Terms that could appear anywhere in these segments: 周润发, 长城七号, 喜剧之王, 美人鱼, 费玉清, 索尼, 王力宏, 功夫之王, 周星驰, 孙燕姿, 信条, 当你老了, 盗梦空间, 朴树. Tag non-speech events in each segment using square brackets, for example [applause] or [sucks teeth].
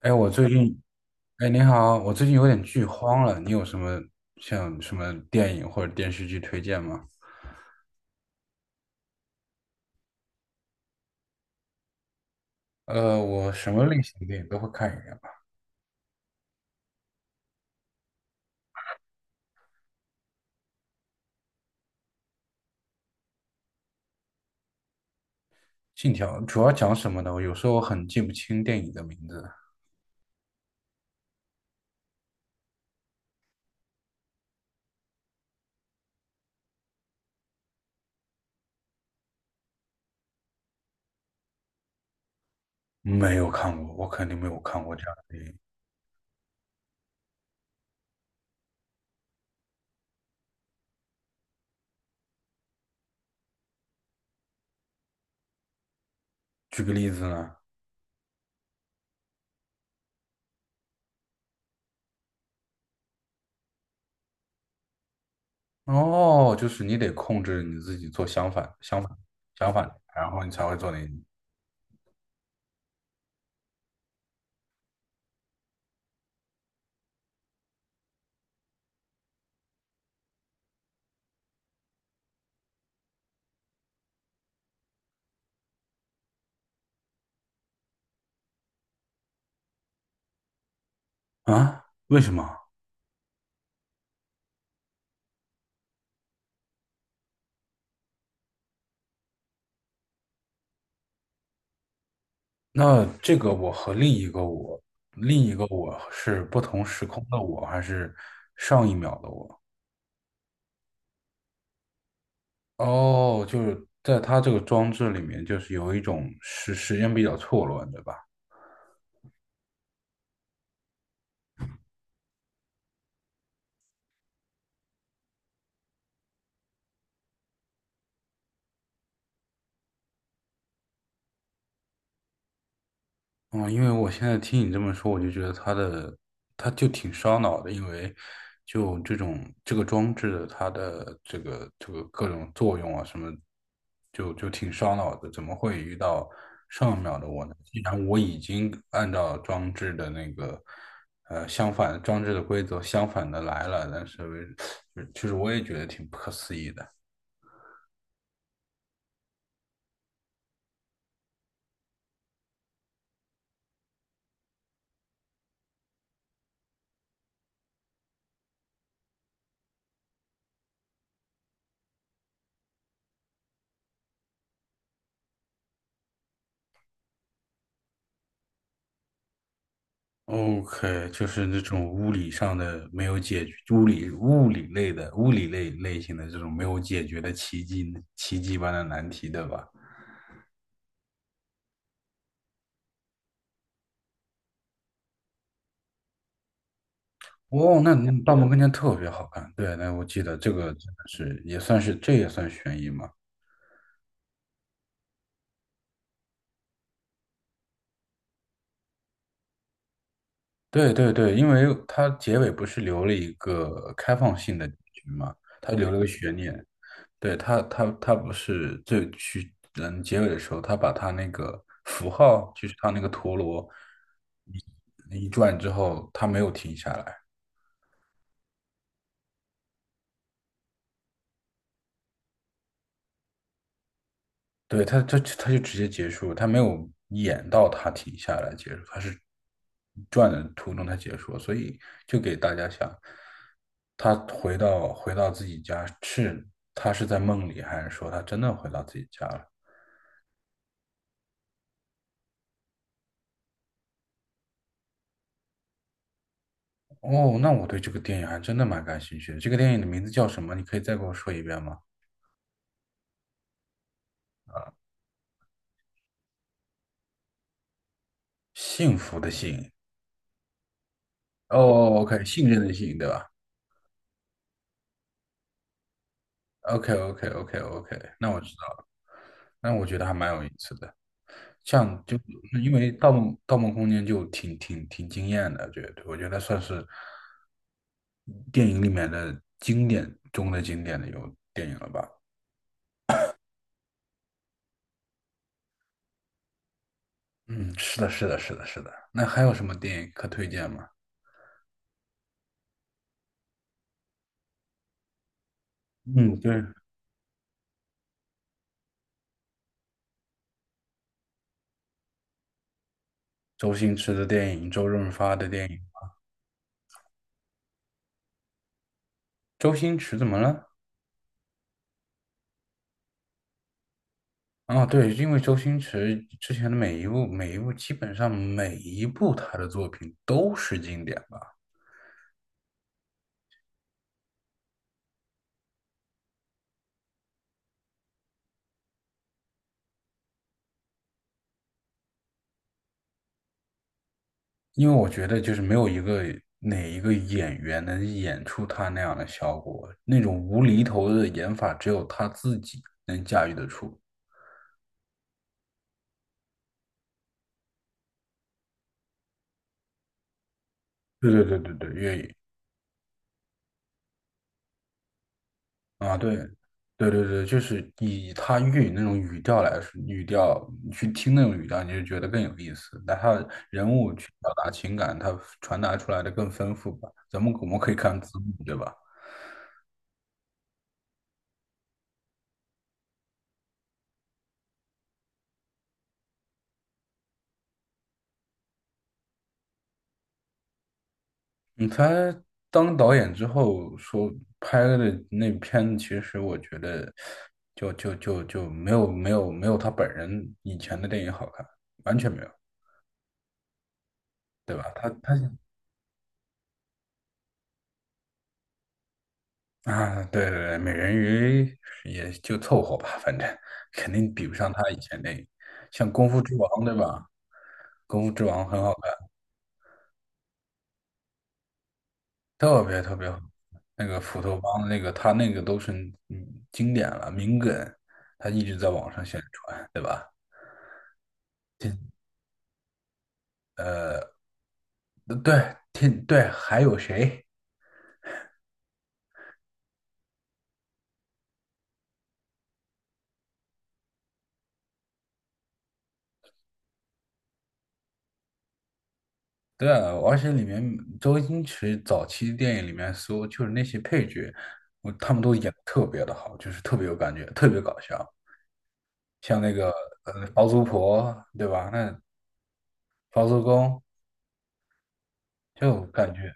哎，我最近，哎，你好，我最近有点剧荒了，你有什么什么电影或者电视剧推荐吗？我什么类型的电影都会看一点吧。《信条》主要讲什么的？我有时候很记不清电影的名字，没有看过，我肯定没有看过这样的电影。举个例子呢，哦，就是你得控制你自己做相反的然后你才会做那个。啊？为什么？那这个我和另一个我，另一个我是不同时空的我，还是上一秒的我？哦，就是在他这个装置里面，就是有一种时间比较错乱，对吧？嗯，因为我现在听你这么说，我就觉得它的，它就挺烧脑的，因为就这种这个装置，它的这个各种作用啊什么，就挺烧脑的。怎么会遇到上一秒的我呢？既然我已经按照装置的那个，相反装置的规则相反的来了，但是为 [sucks teeth] 就是我也觉得挺不可思议的。OK，就是那种物理上的没有解决，物理类型的这种没有解决的奇迹般的难题，对吧？哦，那你《盗梦空间》特别好看，对，那我记得这个真的是也算是这也算悬疑嘛？对对对，因为它结尾不是留了一个开放性的结局嘛，它留了个悬念，对，他不是最去结尾的时候，他把他那个符号，就是他那个陀螺一转之后，他没有停下来，他就直接结束他没有演到他停下来结束，他是转的途中他结束所以就给大家想，他回到自己家是他是在梦里，还是说他真的回到自己家了？哦，那我对这个电影还真的蛮感兴趣的。这个电影的名字叫什么？你可以再给我说一遍吗？幸福的幸。哦哦哦，OK，信任的信，对吧？OK，OK，OK，OK，那我知道了。那我觉得还蛮有意思的。像就因为《盗梦空间》就挺惊艳的，觉得我觉得算是电影里面的经典中的经典的有电影了吧？嗯，是的，是的，是的，是的。那还有什么电影可推荐吗？嗯，对，周星驰的电影，周润发的电影。周星驰怎么了？啊，对，因为周星驰之前的每一部、每一部，基本上每一部他的作品都是经典吧。因为我觉得就是没有一个哪一个演员能演出他那样的效果，那种无厘头的演法，只有他自己能驾驭得出。对对对对对，粤语。啊，对，对对对，就是以他粤语那种语调来说，语调你去听那种语调，你就觉得更有意思。但他人物去表达情感，他传达出来的更丰富吧。我们可以看字幕，对吧？嗯，他当导演之后说拍的那片子其实我觉得就没有他本人以前的电影好看，完全没有，对吧？啊，对对对，美人鱼也就凑合吧，反正肯定比不上他以前那个像《功夫之王》对吧？《功夫之王》很好看，特别特别好。那个斧头帮那个他那个都是嗯经典了，名梗，他一直在网上宣传，对吧？对对天，对，还有谁？对啊，而且里面周星驰早期电影里面所有就是那些配角，我他们都演的特别的好，就是特别有感觉，特别搞笑。像那个包租婆，对吧？那包租公就感觉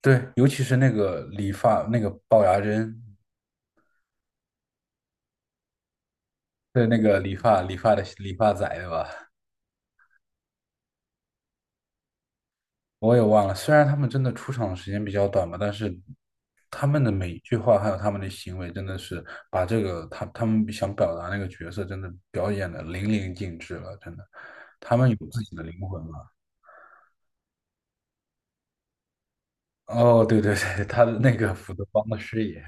对，尤其是那个理发那个龅牙珍，对那个理发的理发仔，对吧？我也忘了，虽然他们真的出场的时间比较短吧，但是他们的每一句话还有他们的行为，真的是把这个他们想表达那个角色，真的表演的淋漓尽致了，真的，他们有自己的灵魂了。哦，对对对，他的那个斧头帮的师爷，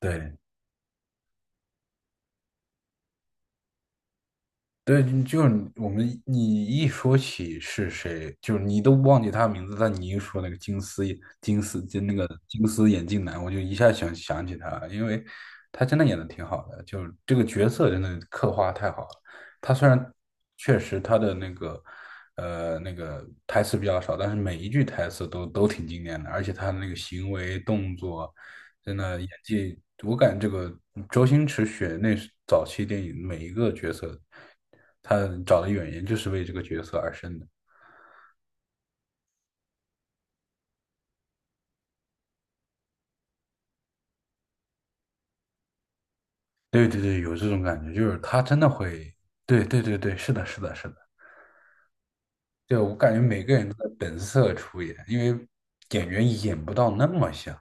对。对，就是你一说起是谁，就是你都忘记他的名字，但你一说那个金丝眼金丝就那个金丝眼镜男，我就一下想起他了因为他真的演的挺好的，就是这个角色真的刻画太好了。他虽然确实他的那个那个台词比较少，但是每一句台词都挺经典的，而且他的那个行为动作。真的演技，我感觉这个周星驰选那时早期电影每一个角色，他找的演员就是为这个角色而生的。对对对，有这种感觉，就是他真的会，对对对对，是的，是的，是的，对，我感觉每个人都在本色出演，因为演员演不到那么像。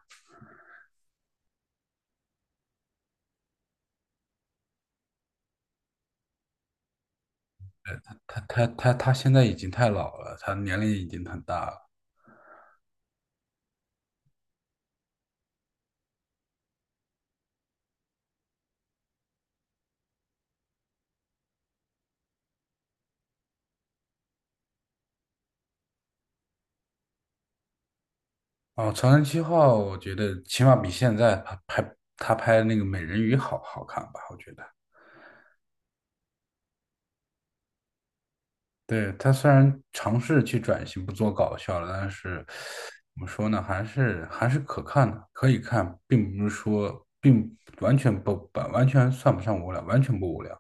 他现在已经太老了，他年龄已经很大了。哦，《长城七号》我觉得起码比现在他拍那个《美人鱼》好好看吧，我觉得。对，他虽然尝试去转型不做搞笑了，但是怎么说呢，还是可看的，可以看，并不是说并完全不完全算不上无聊，完全不无聊。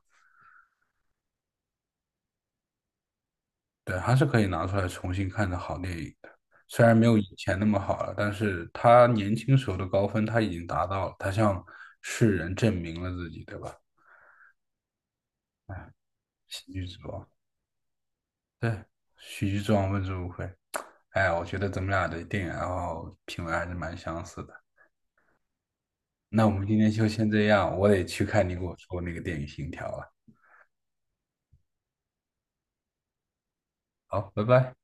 对，还是可以拿出来重新看的好电影的。虽然没有以前那么好了，但是他年轻时候的高分他已经达到了，他向世人证明了自己，对吧？喜剧之王，对，喜剧之王问之无愧。哎，我觉得咱们俩的电影爱好品味还是蛮相似的。那我们今天就先这样，我得去看你给我说那个电影《信条》了。好，拜拜。